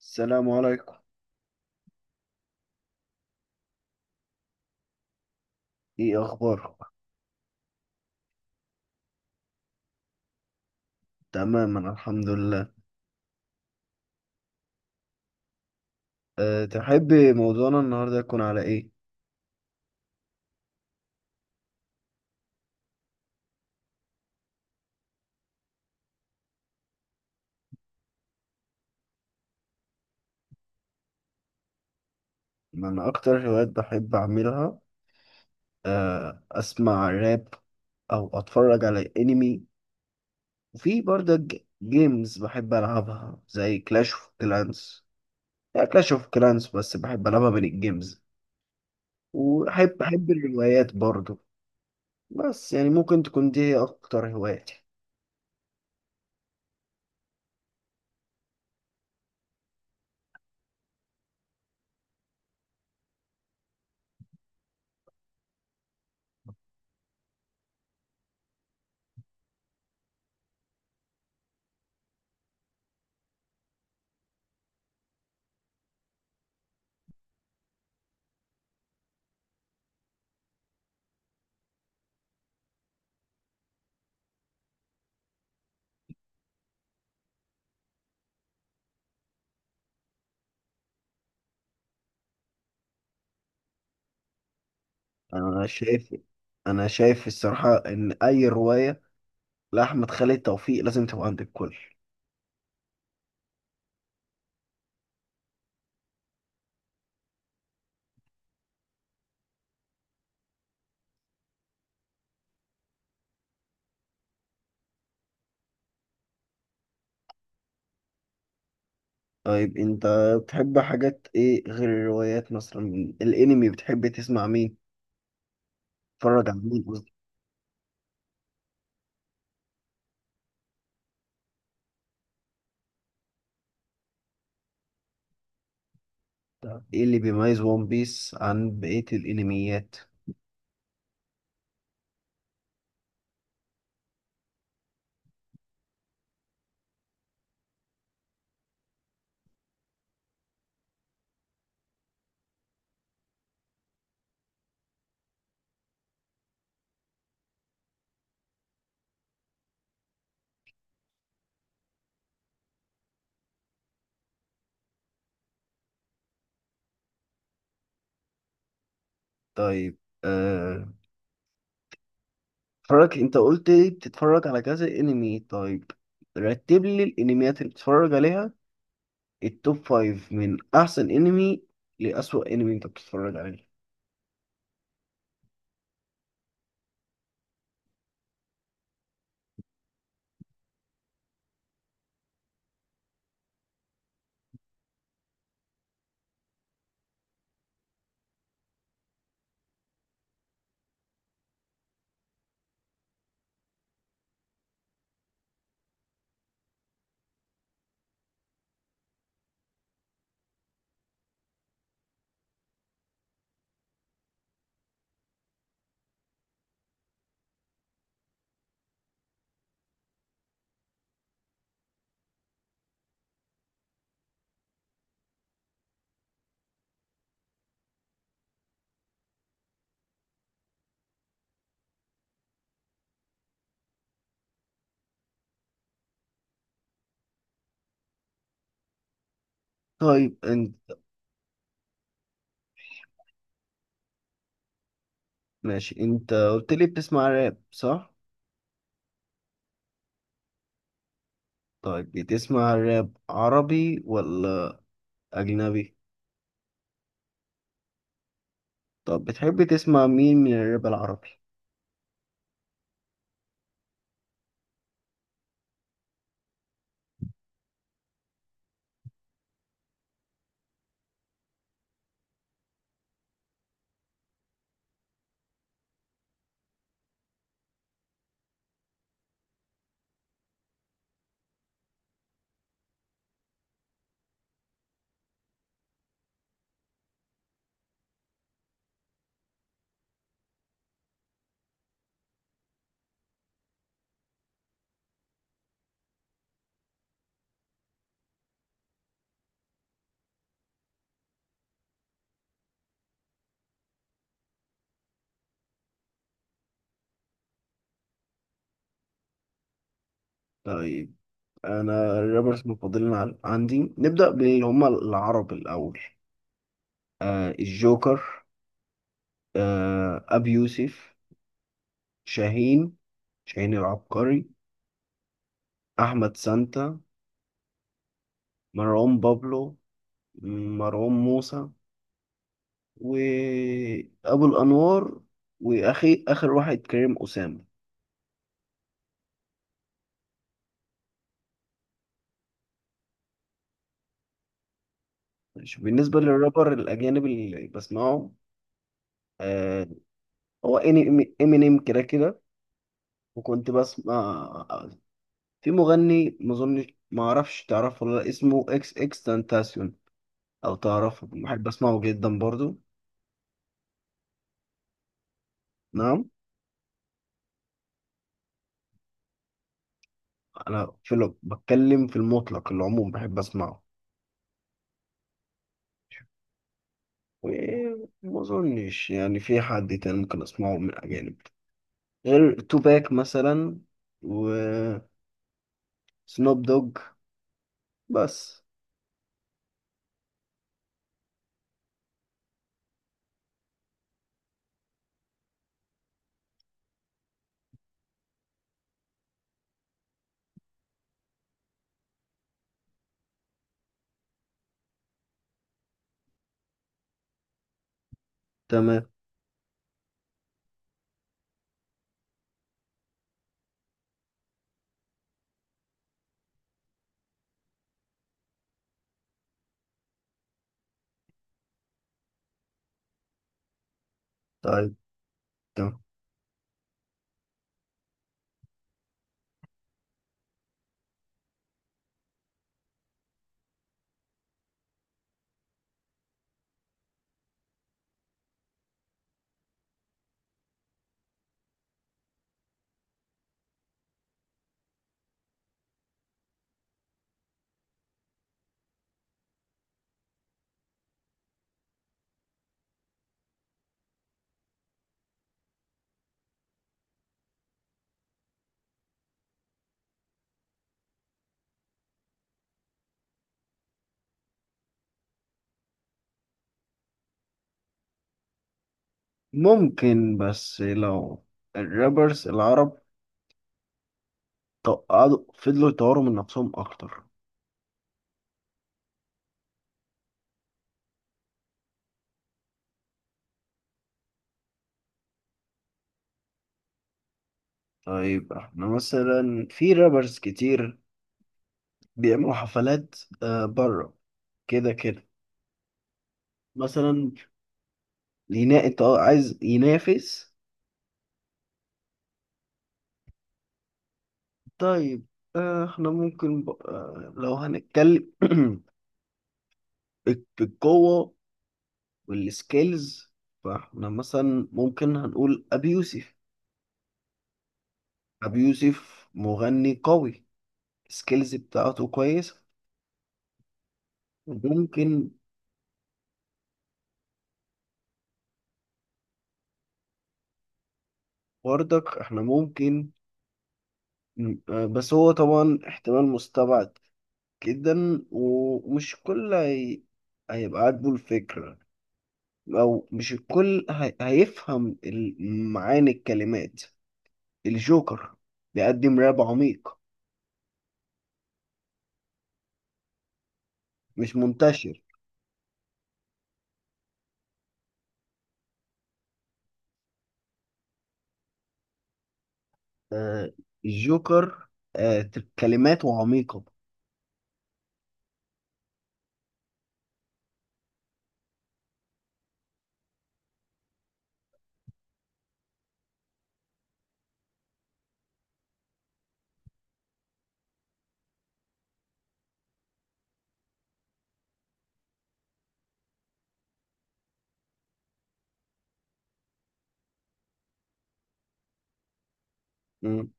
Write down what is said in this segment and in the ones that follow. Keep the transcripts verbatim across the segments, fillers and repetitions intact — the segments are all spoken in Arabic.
السلام عليكم. ايه اخبارك؟ تماما الحمد لله. أه، تحبي موضوعنا النهارده يكون على ايه؟ من اكتر الهوايات بحب اعملها أه اسمع راب، او اتفرج على انمي، وفي برضه جيمز بحب العبها زي كلاش اوف كلانس. يعني كلاش اوف كلانس بس بحب العبها من الجيمز. وبحب بحب الروايات برضه. بس يعني ممكن تكون دي هي اكتر هواياتي. انا شايف انا شايف الصراحه ان اي روايه لا أحمد خالد توفيق لازم تبقى عندك كل. طيب أنت بتحب حاجات إيه غير الروايات؟ مثلا من الأنمي بتحب تسمع مين؟ تتفرج على مين قصدي؟ إيه اللي بيميز ون بيس عن بقية الأنميات؟ طيب أه... اتفرج. أنت قلت لي بتتفرج على كذا أنمي، طيب رتب لي الأنميات اللي بتتفرج عليها، التوب فايف من أحسن أنمي لأسوأ أنمي أنت بتتفرج عليه. طيب أنت، ماشي، أنت قلت لي بتسمع راب صح؟ طيب بتسمع راب عربي ولا أجنبي؟ طب بتحب تسمع مين من الراب العربي؟ طيب أنا الرابرز المفضلين عن- عندي نبدأ باللي هما العرب الأول. آه الجوكر، آه أبي يوسف شاهين، شاهين العبقري، أحمد سانتا، مروان بابلو، مروان موسى، وأبو الأنوار، وأخي آخر واحد كريم أسامة. ماشي. بالنسبة للرابر الأجانب اللي بسمعه، آه، هو إني- امينيم كده كده، وكنت بسمع في مغني ما اظنش ما اعرفش تعرفه ولا لأ، اسمه اكس اكس تنتاسيون. او تعرفه؟ بحب اسمعه جدا برضو. نعم، انا في لو بتكلم في المطلق العموم بحب اسمعه. وما اظنش يعني في حد تاني ممكن اسمعه من اجانب غير توباك مثلا، وسنوب دوج بس. تمام. طيب تمام. ممكن، بس لو الرابرز العرب طب قعدوا فضلوا يطوروا من نفسهم اكتر. طيب احنا مثلا في رابرز كتير بيعملوا حفلات آه بره كده كده، مثلا ينا... انت عايز ينافس. طيب، آه احنا ممكن ب... آه لو هنتكلم بال- بالقوة والسكيلز، فاحنا مثلا ممكن هنقول ابي يوسف. ابي يوسف مغني قوي، السكيلز بتاعته كويسة. ممكن برضك احنا ممكن. مم. آه، بس هو طبعا احتمال مستبعد جدا، ومش الكل هي... هيبقى عاجبه الفكرة، أو مش الكل هي... هيفهم ال- معاني الكلمات. الجوكر بيقدم راب عميق، مش منتشر. آه، الجوكر، آه، ت- كلماته عميقة. مم.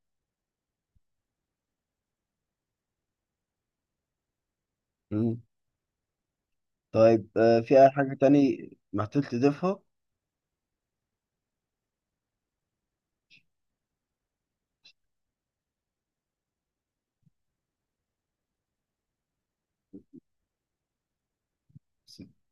مم. طيب، آه، في أي حاجة تاني محتاج تضيفها؟